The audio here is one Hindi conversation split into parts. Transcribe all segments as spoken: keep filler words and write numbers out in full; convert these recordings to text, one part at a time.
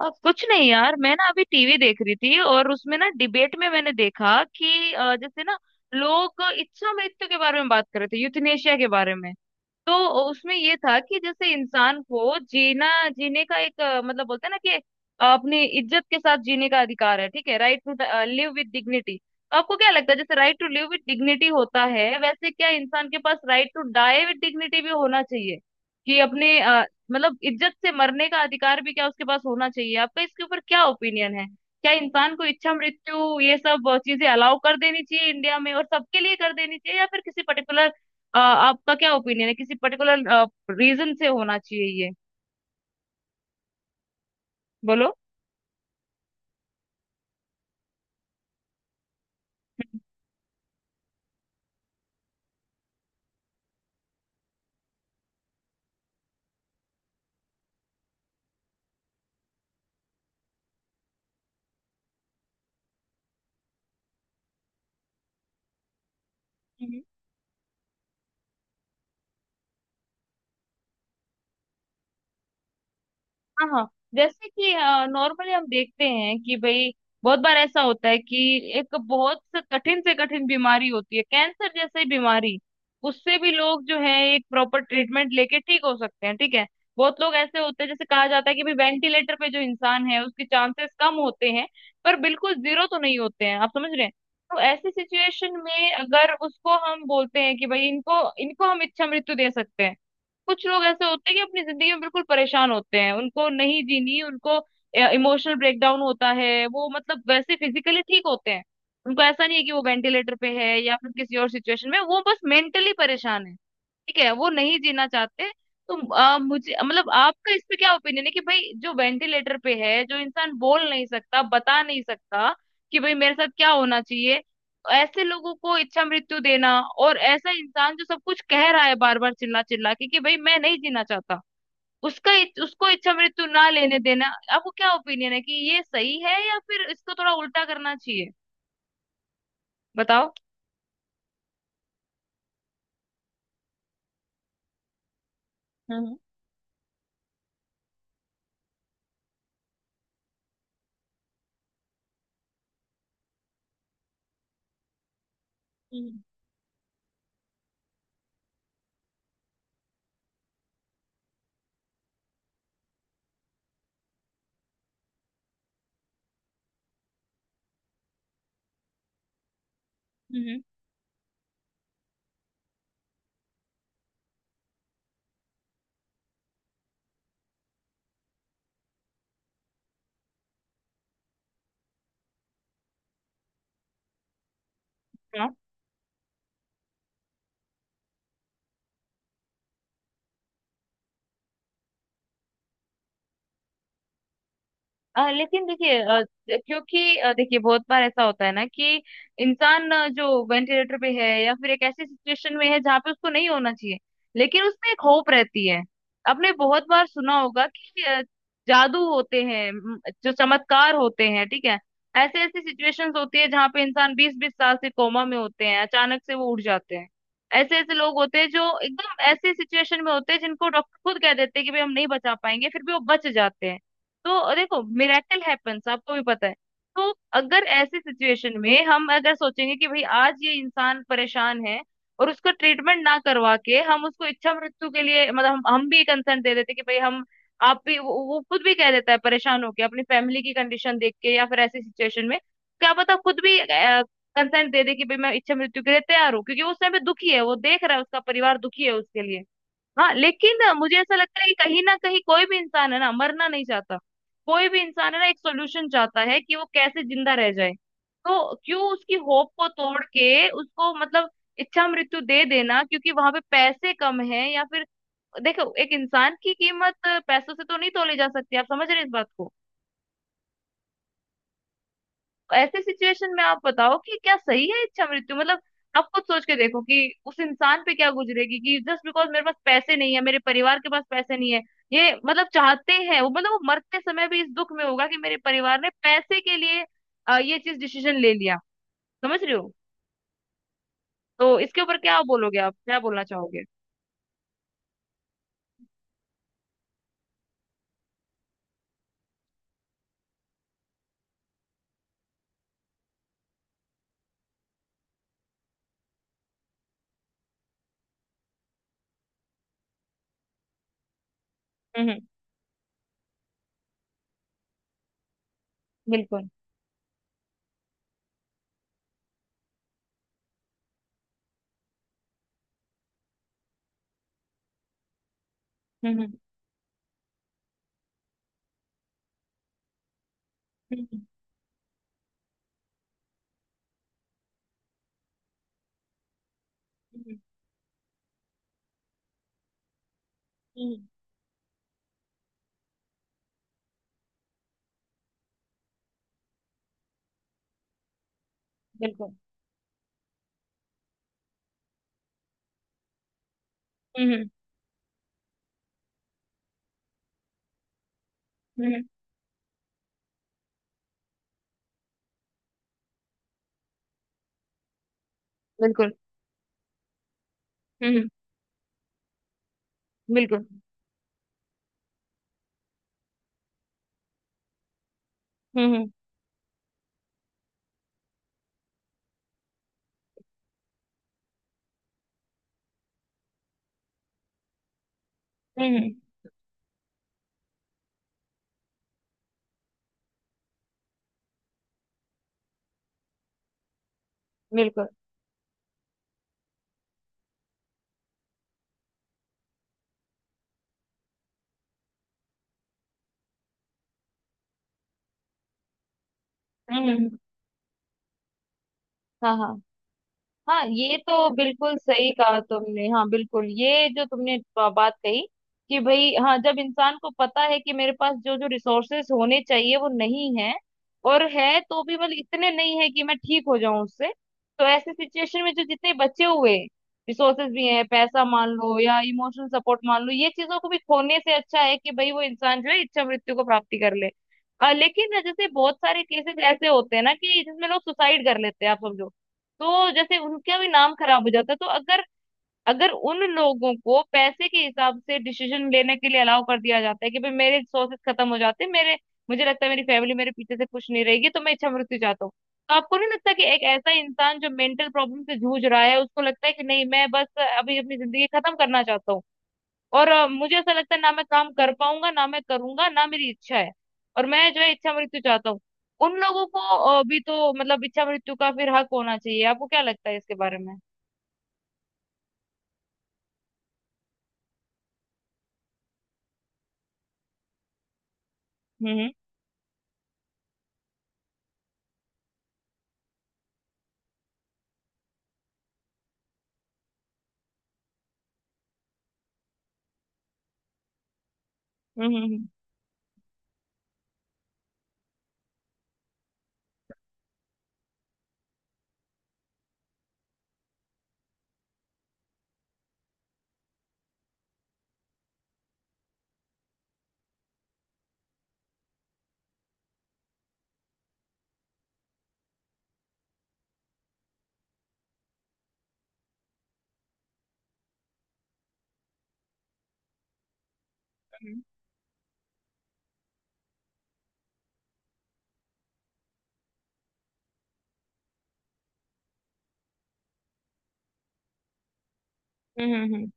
अब कुछ नहीं यार, मैं ना अभी टीवी देख रही थी और उसमें ना डिबेट में मैंने देखा कि अ, जैसे ना लोग इच्छा मृत्यु के बारे में बात कर रहे थे, यूथनेशिया के बारे में। तो उसमें ये था कि जैसे इंसान को जीना जीने का एक अ, मतलब बोलते हैं ना कि अपनी इज्जत के साथ जीने का अधिकार है, ठीक है, right to live with dignity. तो आपको क्या लगता है, जैसे right to live with dignity होता है, वैसे क्या इंसान के पास right to die with dignity भी होना चाहिए कि अपने अ, मतलब इज्जत से मरने का अधिकार भी क्या उसके पास होना चाहिए? आपका इसके ऊपर क्या ओपिनियन है? क्या इंसान को इच्छा मृत्यु ये सब चीजें अलाउ कर देनी चाहिए इंडिया में, और सबके लिए कर देनी चाहिए या फिर किसी पर्टिकुलर अ, आपका क्या ओपिनियन है, किसी पर्टिकुलर रीजन से होना चाहिए ये? बोलो। हम्म। हाँ हाँ। जैसे कि नॉर्मली हम देखते हैं कि भाई बहुत बार ऐसा होता है कि एक बहुत से कठिन से कठिन बीमारी होती है, कैंसर जैसी बीमारी। उससे भी लोग जो है एक प्रॉपर ट्रीटमेंट लेके ठीक हो सकते हैं, ठीक है। बहुत लोग ऐसे होते हैं जैसे कहा जाता है कि भाई वेंटिलेटर पे जो इंसान है उसके चांसेस कम होते हैं, पर बिल्कुल जीरो तो नहीं होते हैं, आप समझ रहे हैं। तो ऐसी सिचुएशन में अगर उसको हम बोलते हैं कि भाई इनको इनको हम इच्छा मृत्यु दे सकते हैं। कुछ लोग ऐसे होते हैं कि अपनी जिंदगी में बिल्कुल परेशान होते हैं, उनको नहीं जीनी उनको, इमोशनल ब्रेकडाउन होता है। वो मतलब वैसे फिजिकली ठीक होते हैं, उनको ऐसा नहीं है कि वो वेंटिलेटर पे है या फिर किसी और सिचुएशन में, वो बस मेंटली परेशान है, ठीक है, वो नहीं जीना चाहते। तो आ, मुझे मतलब आपका इस पे क्या ओपिनियन है कि भाई जो वेंटिलेटर पे है, जो इंसान बोल नहीं सकता, बता नहीं सकता कि भाई मेरे साथ क्या होना चाहिए, ऐसे लोगों को इच्छा मृत्यु देना, और ऐसा इंसान जो सब कुछ कह रहा है बार बार चिल्ला चिल्ला के कि भाई मैं नहीं जीना चाहता, उसका उसको इच्छा मृत्यु ना लेने देना, आपको क्या ओपिनियन है कि ये सही है या फिर इसको थोड़ा उल्टा करना चाहिए? बताओ। हम्म। हम्म। हम्म। हम्म। अ, लेकिन देखिए, अ, क्योंकि अ, देखिए बहुत बार ऐसा होता है ना कि इंसान अ, जो वेंटिलेटर पे है या फिर एक ऐसी सिचुएशन में है जहाँ पे उसको नहीं होना चाहिए, लेकिन उसमें एक होप रहती है। आपने बहुत बार सुना होगा कि अ, जादू होते हैं, म, जो चमत्कार होते हैं, ठीक है। ऐसे ऐसी सिचुएशंस होती है जहाँ पे इंसान बीस बीस साल से कोमा में होते हैं, अचानक से वो उठ जाते हैं। ऐसे ऐसे लोग होते हैं जो एकदम ऐसी सिचुएशन में होते हैं जिनको डॉक्टर खुद कह देते हैं कि भाई हम नहीं बचा पाएंगे, फिर भी वो बच जाते हैं। तो देखो, मिरेकल हैपेंस, आपको भी पता है। तो अगर ऐसी सिचुएशन में हम अगर सोचेंगे कि भाई आज ये इंसान परेशान है और उसका ट्रीटमेंट ना करवा के हम उसको इच्छा मृत्यु के लिए मतलब हम, हम भी कंसर्न दे देते कि भाई हम, आप भी वो, वो खुद भी कह देता है परेशान होके अपनी फैमिली की कंडीशन देख के या फिर ऐसी सिचुएशन में, क्या पता खुद भी कंसर्न दे दे कि भाई मैं इच्छा मृत्यु के लिए तैयार हूँ, क्योंकि वो उस समय दुखी है, वो देख रहा है उसका परिवार दुखी है उसके लिए। हाँ, लेकिन मुझे ऐसा लगता है कि कहीं ना कहीं कोई भी इंसान है ना मरना नहीं चाहता, कोई भी इंसान है ना एक सोल्यूशन चाहता है कि वो कैसे जिंदा रह जाए। तो क्यों उसकी होप को तोड़ के उसको मतलब इच्छा मृत्यु दे देना क्योंकि वहां पे पैसे कम है या फिर, देखो एक इंसान की कीमत पैसों से तो नहीं तोली जा सकती, आप समझ रहे हैं इस बात को। ऐसे सिचुएशन में आप बताओ कि क्या सही है इच्छा मृत्यु मतलब, आप खुद सोच के देखो कि उस इंसान पे क्या गुजरेगी कि जस्ट बिकॉज मेरे पास पैसे नहीं है, मेरे परिवार के पास पैसे नहीं है, ये मतलब चाहते हैं वो मतलब वो मरते समय भी इस दुख में होगा कि मेरे परिवार ने पैसे के लिए अ, ये चीज डिसीजन ले लिया। समझ रहे हो? तो इसके ऊपर क्या बोलोगे, आप क्या बोलना चाहोगे? हम्म। हम्म। बिल्कुल। हम्म। हम्म। हम्म। हम्म। हम्म। बिल्कुल। हम्म। हम्म। हम्म। बिल्कुल। हम्म। हम्म। बिल्कुल। हम्म। हम्म। हम्म। बिल्कुल। हम्म। हम्म। हाँ हाँ। हाँ, ये तो बिल्कुल सही कहा तुमने, हाँ बिल्कुल, ये जो तुमने बा- बात कही कि भाई हाँ, जब इंसान को पता है कि मेरे पास जो जो रिसोर्सेस होने चाहिए वो नहीं है, और है तो भी मतलब इतने नहीं है कि मैं ठीक हो जाऊं उससे, तो ऐसे सिचुएशन में जो जितने बचे हुए रिसोर्सेज भी हैं, पैसा मान लो या इमोशनल सपोर्ट मान लो, ये चीजों को भी खोने से अच्छा है कि भाई वो इंसान जो है इच्छा मृत्यु को प्राप्ति कर ले। अ, लेकिन ना, जैसे बहुत सारे केसेस ऐसे होते हैं ना कि जिसमें लोग सुसाइड कर लेते हैं, आप समझो, तो जैसे उनका भी नाम खराब हो जाता है। तो अगर, अगर उन लोगों को पैसे के हिसाब से डिसीजन लेने के लिए अलाउ कर दिया जाता है कि भाई मेरे सोर्सेस खत्म हो जाते हैं, मेरे, मुझे लगता है मेरी फैमिली मेरे पीछे से खुश नहीं रहेगी, तो मैं इच्छा मृत्यु चाहता हूँ, तो आपको नहीं लगता कि एक ऐसा इंसान जो मेंटल प्रॉब्लम से जूझ रहा है, उसको लगता है कि नहीं, मैं बस अभी अपनी जिंदगी खत्म करना चाहता हूँ, और अ, मुझे ऐसा लगता है ना मैं काम कर पाऊंगा, ना मैं करूंगा, ना मेरी इच्छा है, और मैं जो है इच्छा मृत्यु चाहता हूँ, उन लोगों को अ, भी तो मतलब इच्छा मृत्यु का फिर हक होना चाहिए, आपको क्या लगता है इसके बारे में? हम्म। हम्म। हम्म। हम्म। हम्म। हम्म। हम्म। हम्म। हम्म।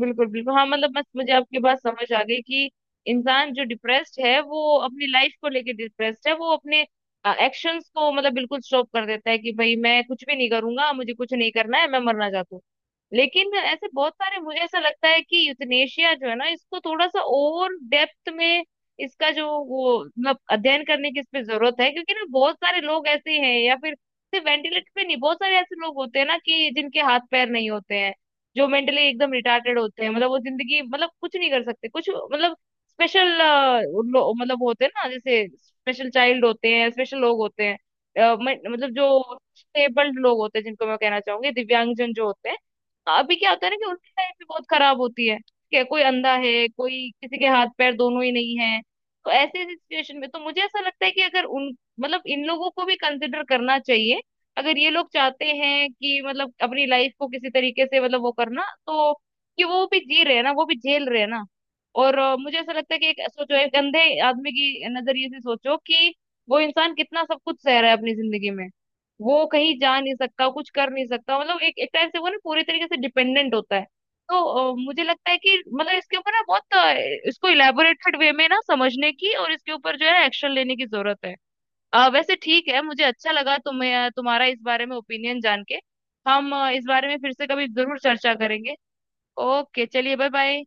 बिल्कुल, बिल्कुल, हाँ, मतलब बस मुझे आपकी बात समझ आ गई कि इंसान जो डिप्रेस्ड है वो अपनी लाइफ को लेके डिप्रेस्ड है, वो अपने एक्शंस को मतलब बिल्कुल स्टॉप कर देता है कि भाई मैं कुछ भी नहीं करूंगा, मुझे कुछ नहीं करना है, मैं मरना चाहता हूँ। लेकिन ऐसे बहुत सारे, मुझे ऐसा लगता है कि यूथनेशिया जो है ना, इसको थोड़ा सा और डेप्थ में, इसका जो वो मतलब अध्ययन करने की इस पे जरूरत है, क्योंकि ना बहुत सारे लोग ऐसे हैं या फिर सिर्फ वेंटिलेटर पे नहीं, बहुत सारे ऐसे लोग होते हैं ना कि जिनके हाथ पैर नहीं होते हैं, जो मेंटली एकदम रिटार्टेड होते हैं, मतलब वो जिंदगी मतलब कुछ नहीं कर सकते, कुछ मतलब स्पेशल मतलब होते हैं ना, जैसे स्पेशल चाइल्ड होते हैं, स्पेशल लोग होते हैं। अ, मैं- मतलब जो स्टेबल्ड लोग होते हैं जिनको मैं कहना चाहूंगी दिव्यांगजन जो होते हैं, अभी क्या होता है ना कि उनकी लाइफ भी बहुत खराब होती है कि कोई अंधा है, कोई किसी के हाथ पैर दोनों ही नहीं है। तो ऐसे ऐसी सिचुएशन में तो मुझे ऐसा लगता है कि अगर उन मतलब इन लोगों को भी कंसिडर करना चाहिए, अगर ये लोग चाहते हैं कि मतलब अपनी लाइफ को किसी तरीके से मतलब वो करना तो, कि वो भी जी रहे हैं ना, वो भी झेल रहे हैं ना। और अ, मुझे ऐसा लगता है कि एक सोचो, एक अंधे आदमी की नजरिए से सोचो कि वो इंसान कितना सब कुछ सह रहा है अपनी जिंदगी में, वो कहीं जा नहीं सकता, कुछ कर नहीं सकता, मतलब एक एक टाइप से वो ना पूरी तरीके से डिपेंडेंट होता है। तो अ, मुझे लगता है कि मतलब इसके ऊपर ना बहुत अ, इसको इलेबोरेटेड वे में ना समझने की और इसके ऊपर जो है एक्शन लेने की जरूरत है। अ, वैसे ठीक है, मुझे अच्छा लगा तुम्हें, तुम्हारा इस बारे में ओपिनियन जान के। हम अ, इस बारे में फिर से कभी जरूर चर्चा करेंगे। ओके, चलिए, बाय बाय।